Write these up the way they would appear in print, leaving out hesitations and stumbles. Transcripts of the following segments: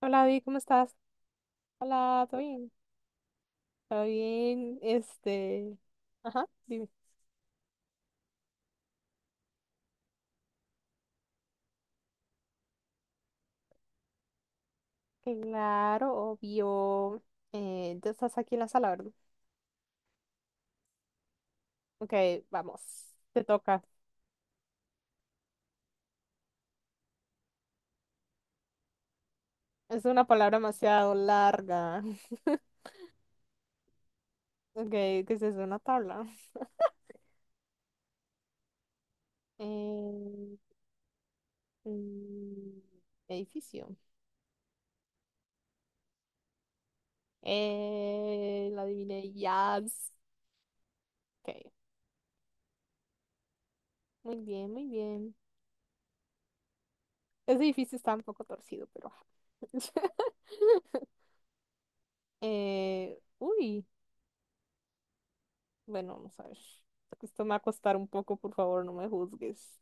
Hola, David, ¿cómo estás? Hola, ¿todo bien? ¿Todo bien? Este, ajá, dime. Claro, obvio. Ya estás aquí en la sala, ¿verdad? Ok, vamos, te toca. Es una palabra demasiado larga. Ok, ¿qué es eso? Una tabla. Eh, mm, edificio. La adiviné, yes. Ok, muy bien, muy bien. Ese edificio está un poco torcido, pero ajá. Uy, bueno, vamos a ver. Esto me va a costar un poco, por favor, no me juzgues.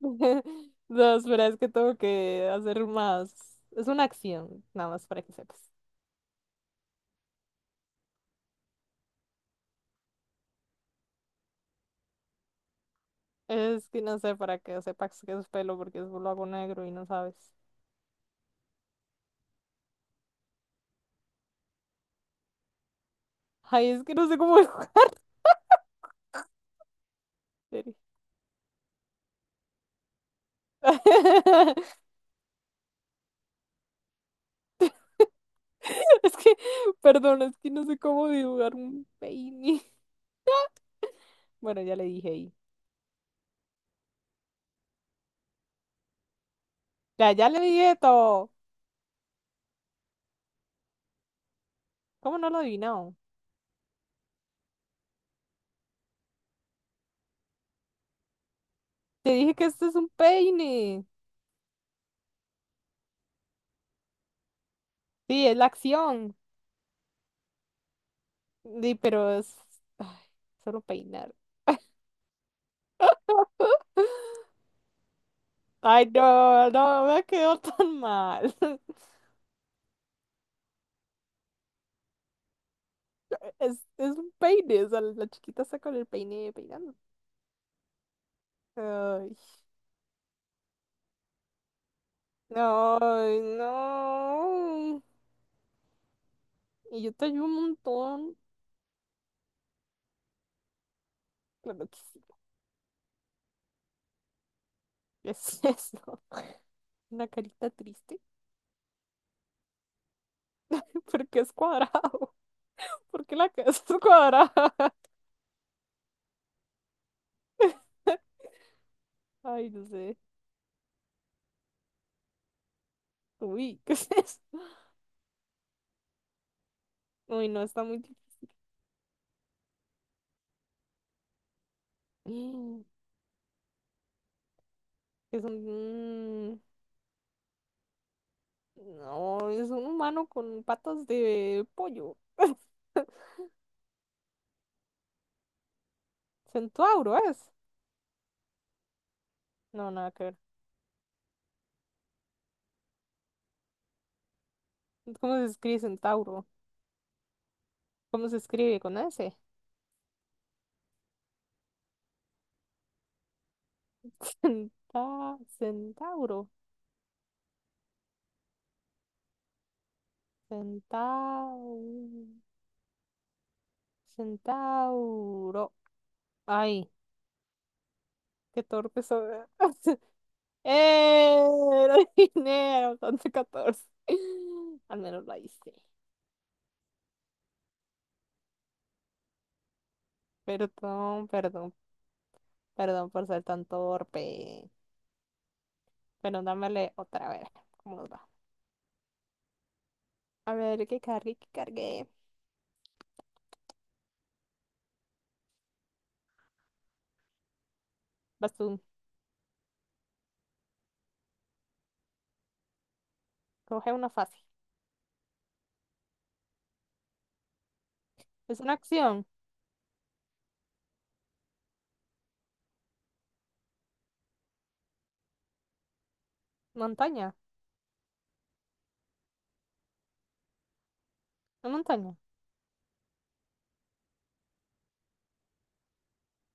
No, espera, es que tengo que hacer más. Es una acción, nada más para que sepas. Es que no sé, para que sepas que es pelo, porque es lo hago negro y no sabes. Ay, es que no sé cómo dibujar. Es que, perdón, es que no sé cómo dibujar un peine. Bueno, ya le dije ahí. Ya, ya le dije todo. ¿Cómo no lo adivinó? Te dije que este es un peine. Sí, es la acción. Sí, pero es ay, solo peinar. Ay, no, no, me quedó tan mal. Es un peine, o sea, la chiquita está con el peine peinando. Ay, no, ay, no. Y yo te ayudo un montón. Claro que sí, es eso. Una carita triste, porque es cuadrado. ¿Porque la casa es cuadrada? Ay, no sé. Uy, ¿qué es eso? Uy, no, está muy difícil. Mm, Es un... no, es un humano con patas de pollo. Centauro es. No, nada que ver. ¿Cómo se escribe centauro? ¿Cómo se escribe con ese? Centa... Centauro. Centau... Centauro. Ay, qué torpe soy. ¡Eh! Lo dinero, 14. Al menos la hice. Perdón, perdón, Perdón por ser tan torpe. Pero dámele otra vez. ¿Cómo nos va? A ver, ¿qué cargué? ¿Qué cargué? Vas tú. Coge una fácil. Es una acción. Montaña. Una montaña.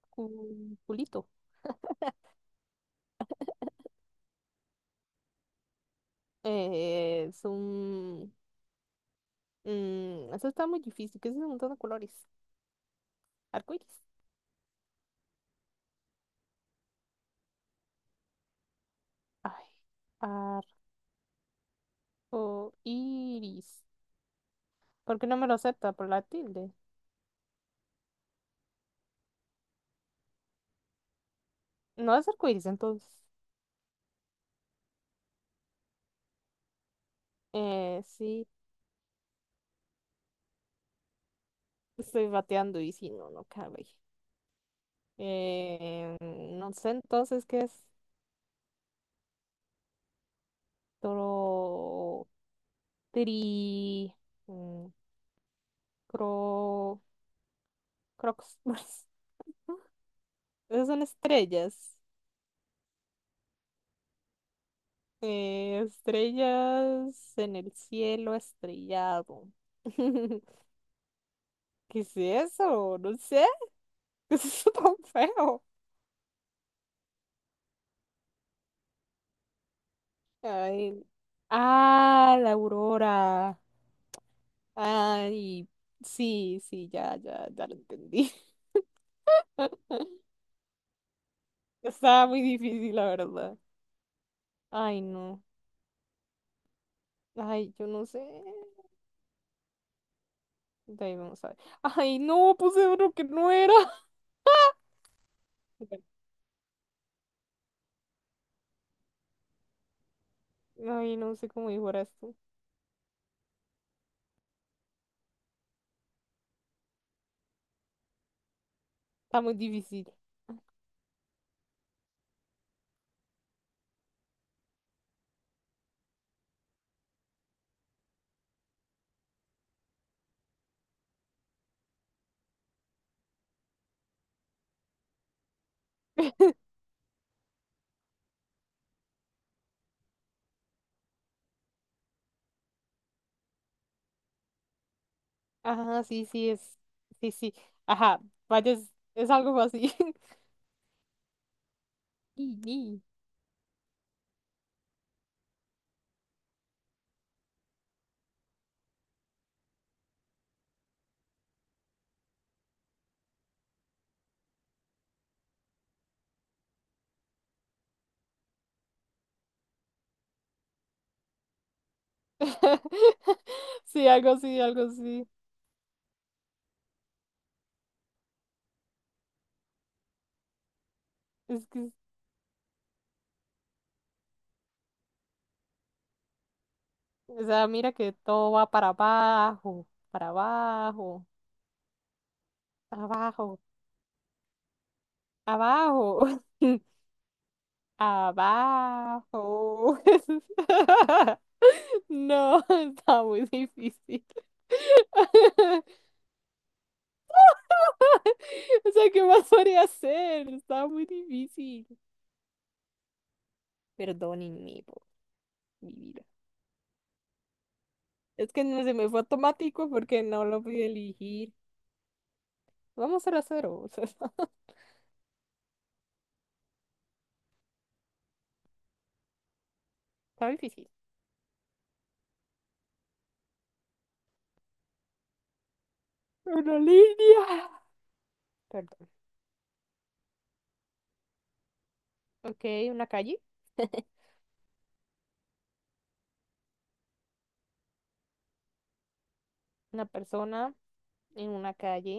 Cu- Culito. Es un... eso está muy difícil. ¿Qué es un montón de colores? Arcoiris. Ay. Arcoiris. ¿Por qué no me lo acepta? Por la tilde. No es arcoiris, entonces. Sí. Estoy bateando y si no, no cabe. No sé entonces qué es toro, tri, mm, cro, crocs. Esas son estrellas. Estrellas en el cielo estrellado. ¿Qué es eso? No sé. ¿Qué es eso tan feo? Ay, ah, la aurora. Ay, sí, sí, ya, ya, ya lo entendí. Estaba muy difícil, la verdad. Ay, no. Ay, yo no sé. De ahí vamos a ver. Ay, no, puse uno que no era. Ay, no sé cómo dibujar tú. Está muy difícil. Ajá, sí, sí, es. Sí, sí. Ajá, vaya, es algo así. Y- y. Sí, algo así, algo así. Es que, o sea, mira que todo va para abajo, abajo, abajo, abajo. No, estaba muy difícil. O sea, ¿qué más podría hacer? Estaba muy difícil. Perdónenme por mi vida. Es que no se me fue automático porque no lo pude elegir. Vamos a la cero. O sea, está difícil. Una línea. Perdón. Ok, una calle. Una persona en una calle.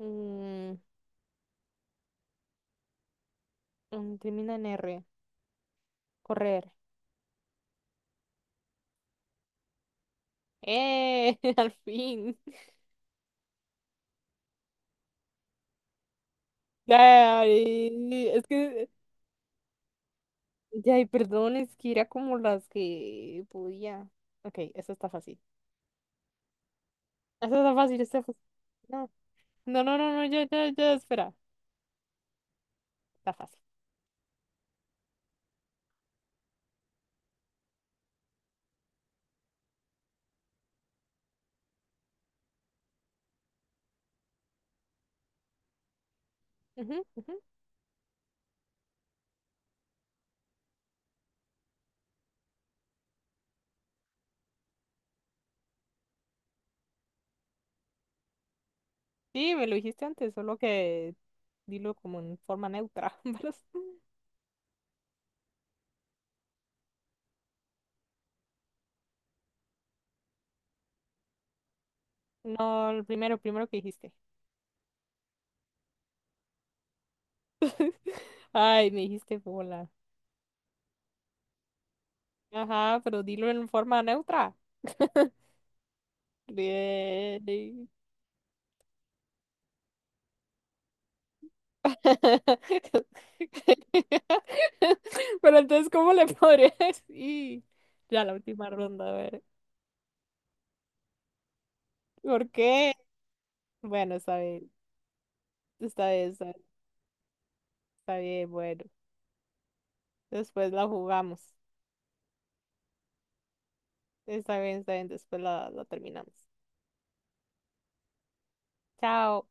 Mm, Termina en R. Correr. ¡Eh! Al fin. Ay, es que ya, y perdón, es que era como las que podía. Ok, esta está fácil. Esta está fácil, esta está fácil. No, no, no, no, no, ya, ya, ya, espera. Está fácil. Ujú, ujú. Sí, me lo dijiste antes, solo que dilo como en forma neutra. pero no, el primero, que dijiste. Ay, me dijiste bola. Ajá, pero dilo en forma neutra. Bien. Pero entonces, ¿cómo le podría decir? Ya la última ronda, a ver. ¿Por qué? Bueno, está bien, está bien, está bien, está bien, bueno. Después la jugamos. Está bien, después la terminamos. Chao.